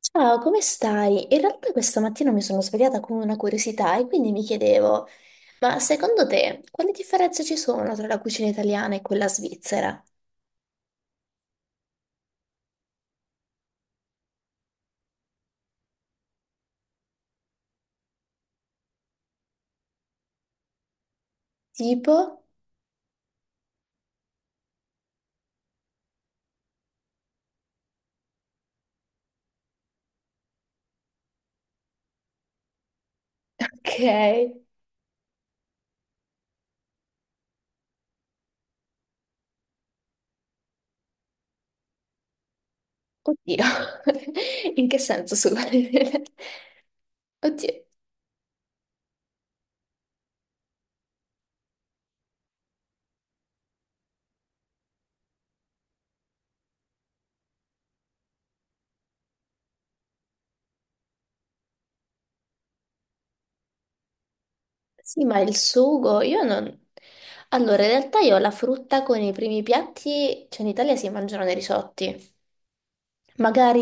Ciao, come stai? In realtà questa mattina mi sono svegliata con una curiosità e quindi mi chiedevo, ma secondo te quali differenze ci sono tra la cucina italiana e quella svizzera? Tipo? Ok. Oddio. In che senso sugo? Oddio. Sì, ma il sugo, io non... Allora, in realtà io la frutta con i primi piatti, cioè in Italia si mangiano nei risotti. Magari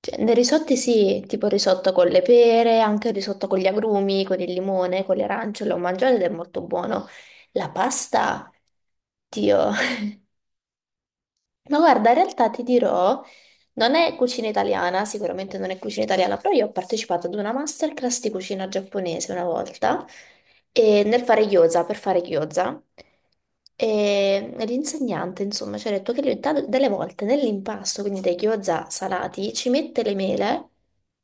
cioè, nei risotti sì, tipo il risotto con le pere, anche il risotto con gli agrumi, con il limone, con le arance, l'ho mangiato ed è molto buono. La pasta, Dio, Ma guarda, in realtà ti dirò, non è cucina italiana, sicuramente non è cucina italiana, però io ho partecipato ad una masterclass di cucina giapponese una volta, e nel fare gyoza, per fare gyoza, e l'insegnante, insomma, ci ha detto che lui delle volte nell'impasto, quindi dei gyoza salati, ci mette le mele,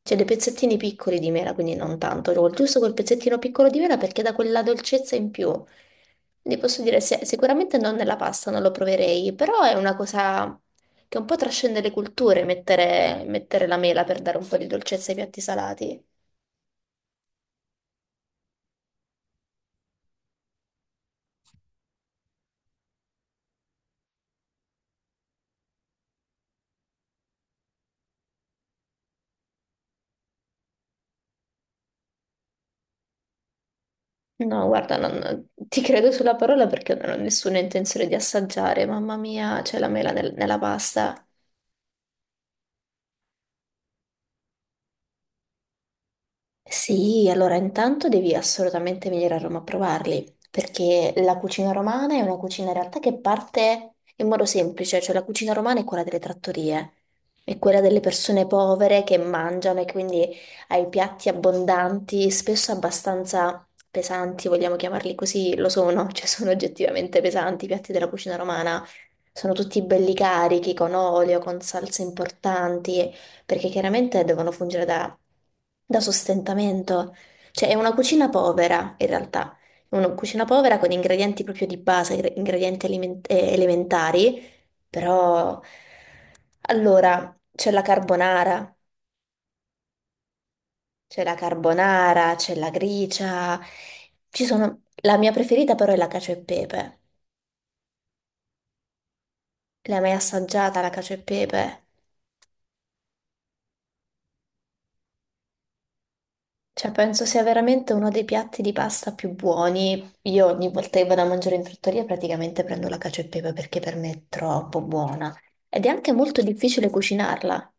cioè dei pezzettini piccoli di mela, quindi non tanto, giusto quel pezzettino piccolo di mela perché dà quella dolcezza in più. Ne posso dire, sicuramente non nella pasta, non lo proverei, però è una cosa che un po' trascende le culture, mettere la mela per dare un po' di dolcezza ai piatti salati. No, guarda, non, ti credo sulla parola perché non ho nessuna intenzione di assaggiare, mamma mia, c'è la mela nella pasta. Sì, allora intanto devi assolutamente venire a Roma a provarli, perché la cucina romana è una cucina in realtà che parte in modo semplice, cioè la cucina romana è quella delle trattorie, è quella delle persone povere che mangiano e quindi hai piatti abbondanti, spesso abbastanza pesanti, vogliamo chiamarli così, lo sono, cioè sono oggettivamente pesanti i piatti della cucina romana, sono tutti belli carichi, con olio, con salse importanti perché chiaramente devono fungere da sostentamento. Cioè è una cucina povera in realtà, è una cucina povera con ingredienti proprio di base, ingredienti elementari, però allora c'è la carbonara, c'è la carbonara, c'è la gricia, ci sono... La mia preferita però è la cacio e pepe. L'hai mai assaggiata la cacio e pepe? Cioè, penso sia veramente uno dei piatti di pasta più buoni. Io ogni volta che vado a mangiare in trattoria praticamente prendo la cacio e pepe perché per me è troppo buona. Ed è anche molto difficile cucinarla.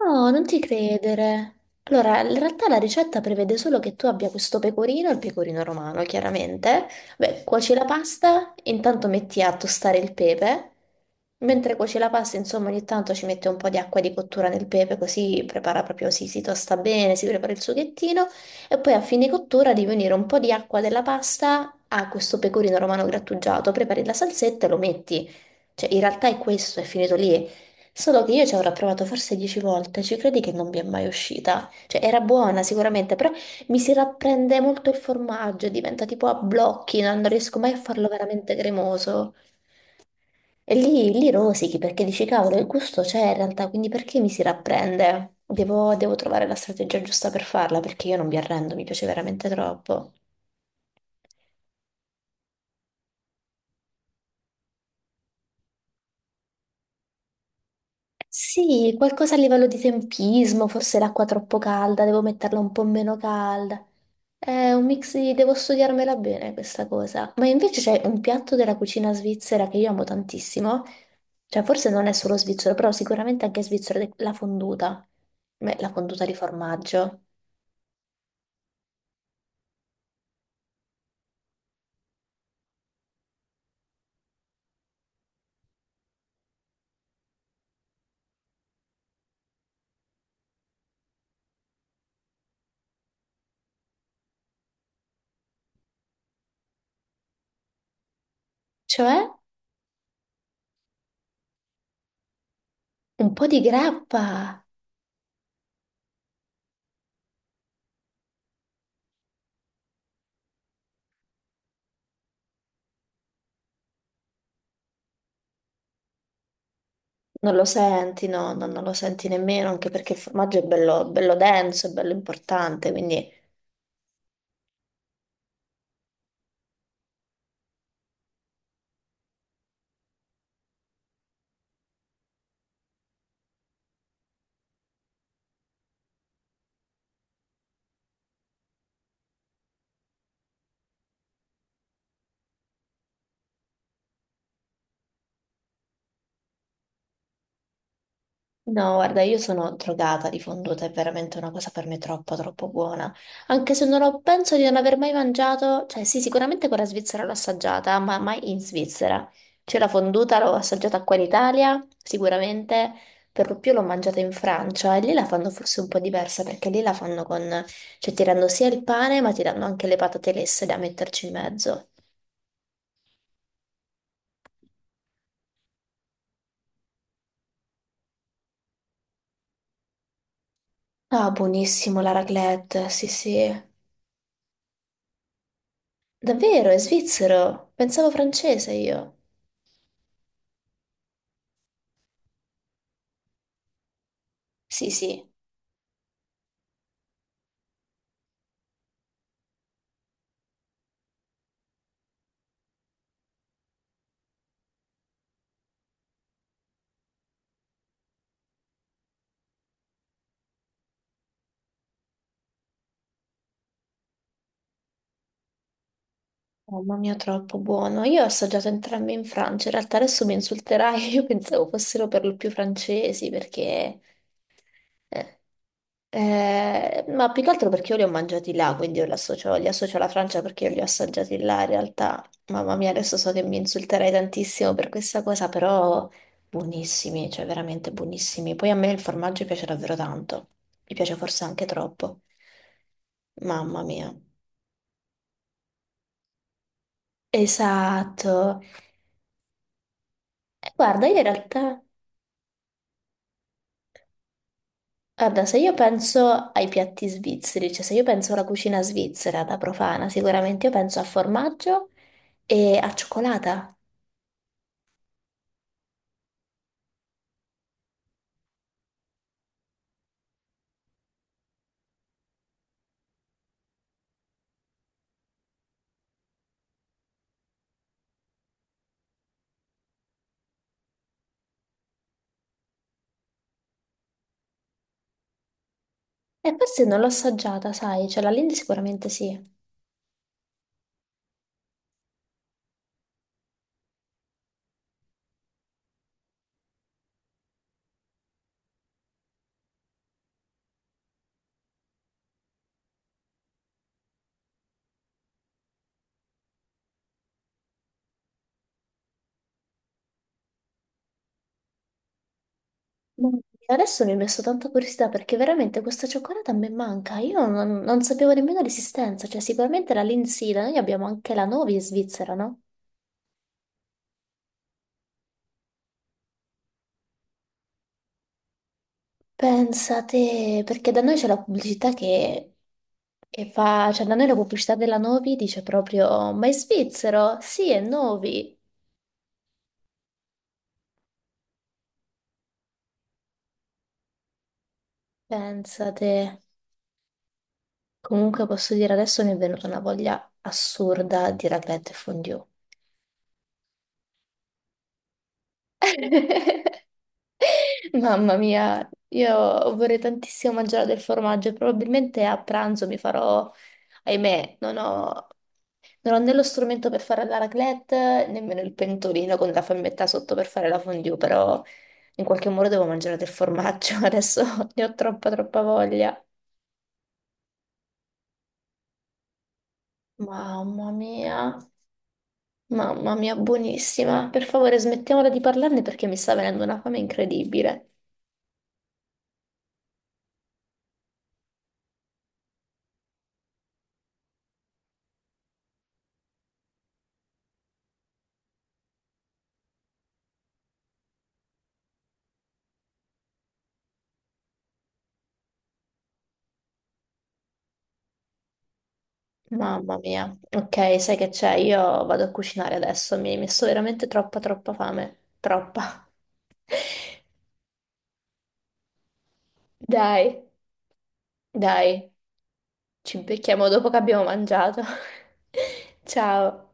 No, non ti credere. Allora, in realtà la ricetta prevede solo che tu abbia questo pecorino, il pecorino romano, chiaramente. Beh, cuoci la pasta, intanto metti a tostare il pepe. Mentre cuoci la pasta, insomma, ogni tanto ci mette un po' di acqua di cottura nel pepe, così prepara proprio, si tosta bene, si prepara il sughettino. E poi a fine cottura devi unire un po' di acqua della pasta a questo pecorino romano grattugiato. Prepari la salsetta e lo metti. Cioè, in realtà è questo, è finito lì. Solo che io ci avrò provato forse 10 volte, ci credi che non mi è mai uscita? Cioè, era buona sicuramente, però mi si rapprende molto il formaggio, diventa tipo a blocchi, non riesco mai a farlo veramente cremoso. E lì rosichi perché dici, cavolo, il gusto c'è in realtà, quindi perché mi si rapprende? Devo trovare la strategia giusta per farla, perché io non mi arrendo, mi piace veramente troppo. Sì, qualcosa a livello di tempismo, forse l'acqua troppo calda, devo metterla un po' meno calda. È un mix di... devo studiarmela bene questa cosa. Ma invece c'è un piatto della cucina svizzera che io amo tantissimo, cioè forse non è solo svizzero, però sicuramente anche svizzero, ed è la fonduta. Beh, la fonduta di formaggio. Cioè un po' di grappa. Non lo senti, no, no, non lo senti nemmeno, anche perché il formaggio è bello denso, è bello importante, quindi... No, guarda, io sono drogata di fonduta, è veramente una cosa per me troppo buona. Anche se non ho, penso di non aver mai mangiato, cioè sì, sicuramente quella svizzera l'ho assaggiata, ma mai in Svizzera. Cioè la fonduta l'ho assaggiata qua in Italia, sicuramente, per lo più l'ho mangiata in Francia e lì la fanno forse un po' diversa perché lì la fanno con, cioè ti danno sia il pane, ma ti danno anche le patate lesse da metterci in mezzo. Ah, buonissimo la raclette, sì sì. Davvero, è svizzero? Pensavo francese io. Sì, sì, oh, mamma mia, troppo buono. Io ho assaggiato entrambi in Francia, in realtà adesso mi insulterai, io pensavo fossero per lo più francesi perché... eh, ma più che altro perché io li ho mangiati là, quindi io li li associo alla Francia perché io li ho assaggiati là in realtà. Mamma mia, adesso so che mi insulterai tantissimo per questa cosa, però buonissimi, cioè veramente buonissimi. Poi a me il formaggio piace davvero tanto, mi piace forse anche troppo. Mamma mia. Esatto. E guarda, io in realtà, guarda, se io penso ai piatti svizzeri, cioè se io penso alla cucina svizzera da profana, sicuramente io penso a formaggio e a cioccolata. E questa non l'ho assaggiata, sai, cioè la Lindt sicuramente sì. Ma adesso mi è messo tanta curiosità perché veramente questa cioccolata a me manca. Io non, non sapevo nemmeno l'esistenza, cioè sicuramente la Lindt sì, da noi abbiamo anche la Novi in Svizzera, no? Pensate, perché da noi c'è la pubblicità che fa, cioè da noi la pubblicità della Novi dice proprio, ma è svizzero? Sì, è Novi. Pensate, comunque posso dire adesso mi è venuta una voglia assurda di raclette e fondue. Mamma mia, io vorrei tantissimo mangiare del formaggio e probabilmente a pranzo mi farò ahimè, non ho né lo strumento per fare la raclette, nemmeno il pentolino con la fiammetta sotto per fare la fondue, però in qualche modo devo mangiare del formaggio, adesso ne ho troppa troppa voglia. Mamma mia, mamma mia, buonissima. Per favore, smettiamola di parlarne perché mi sta venendo una fame incredibile. Mamma mia. Ok, sai che c'è? Io vado a cucinare adesso, mi hai messo veramente troppa troppa fame. Troppa. Dai, dai. Ci becchiamo dopo che abbiamo mangiato. Ciao.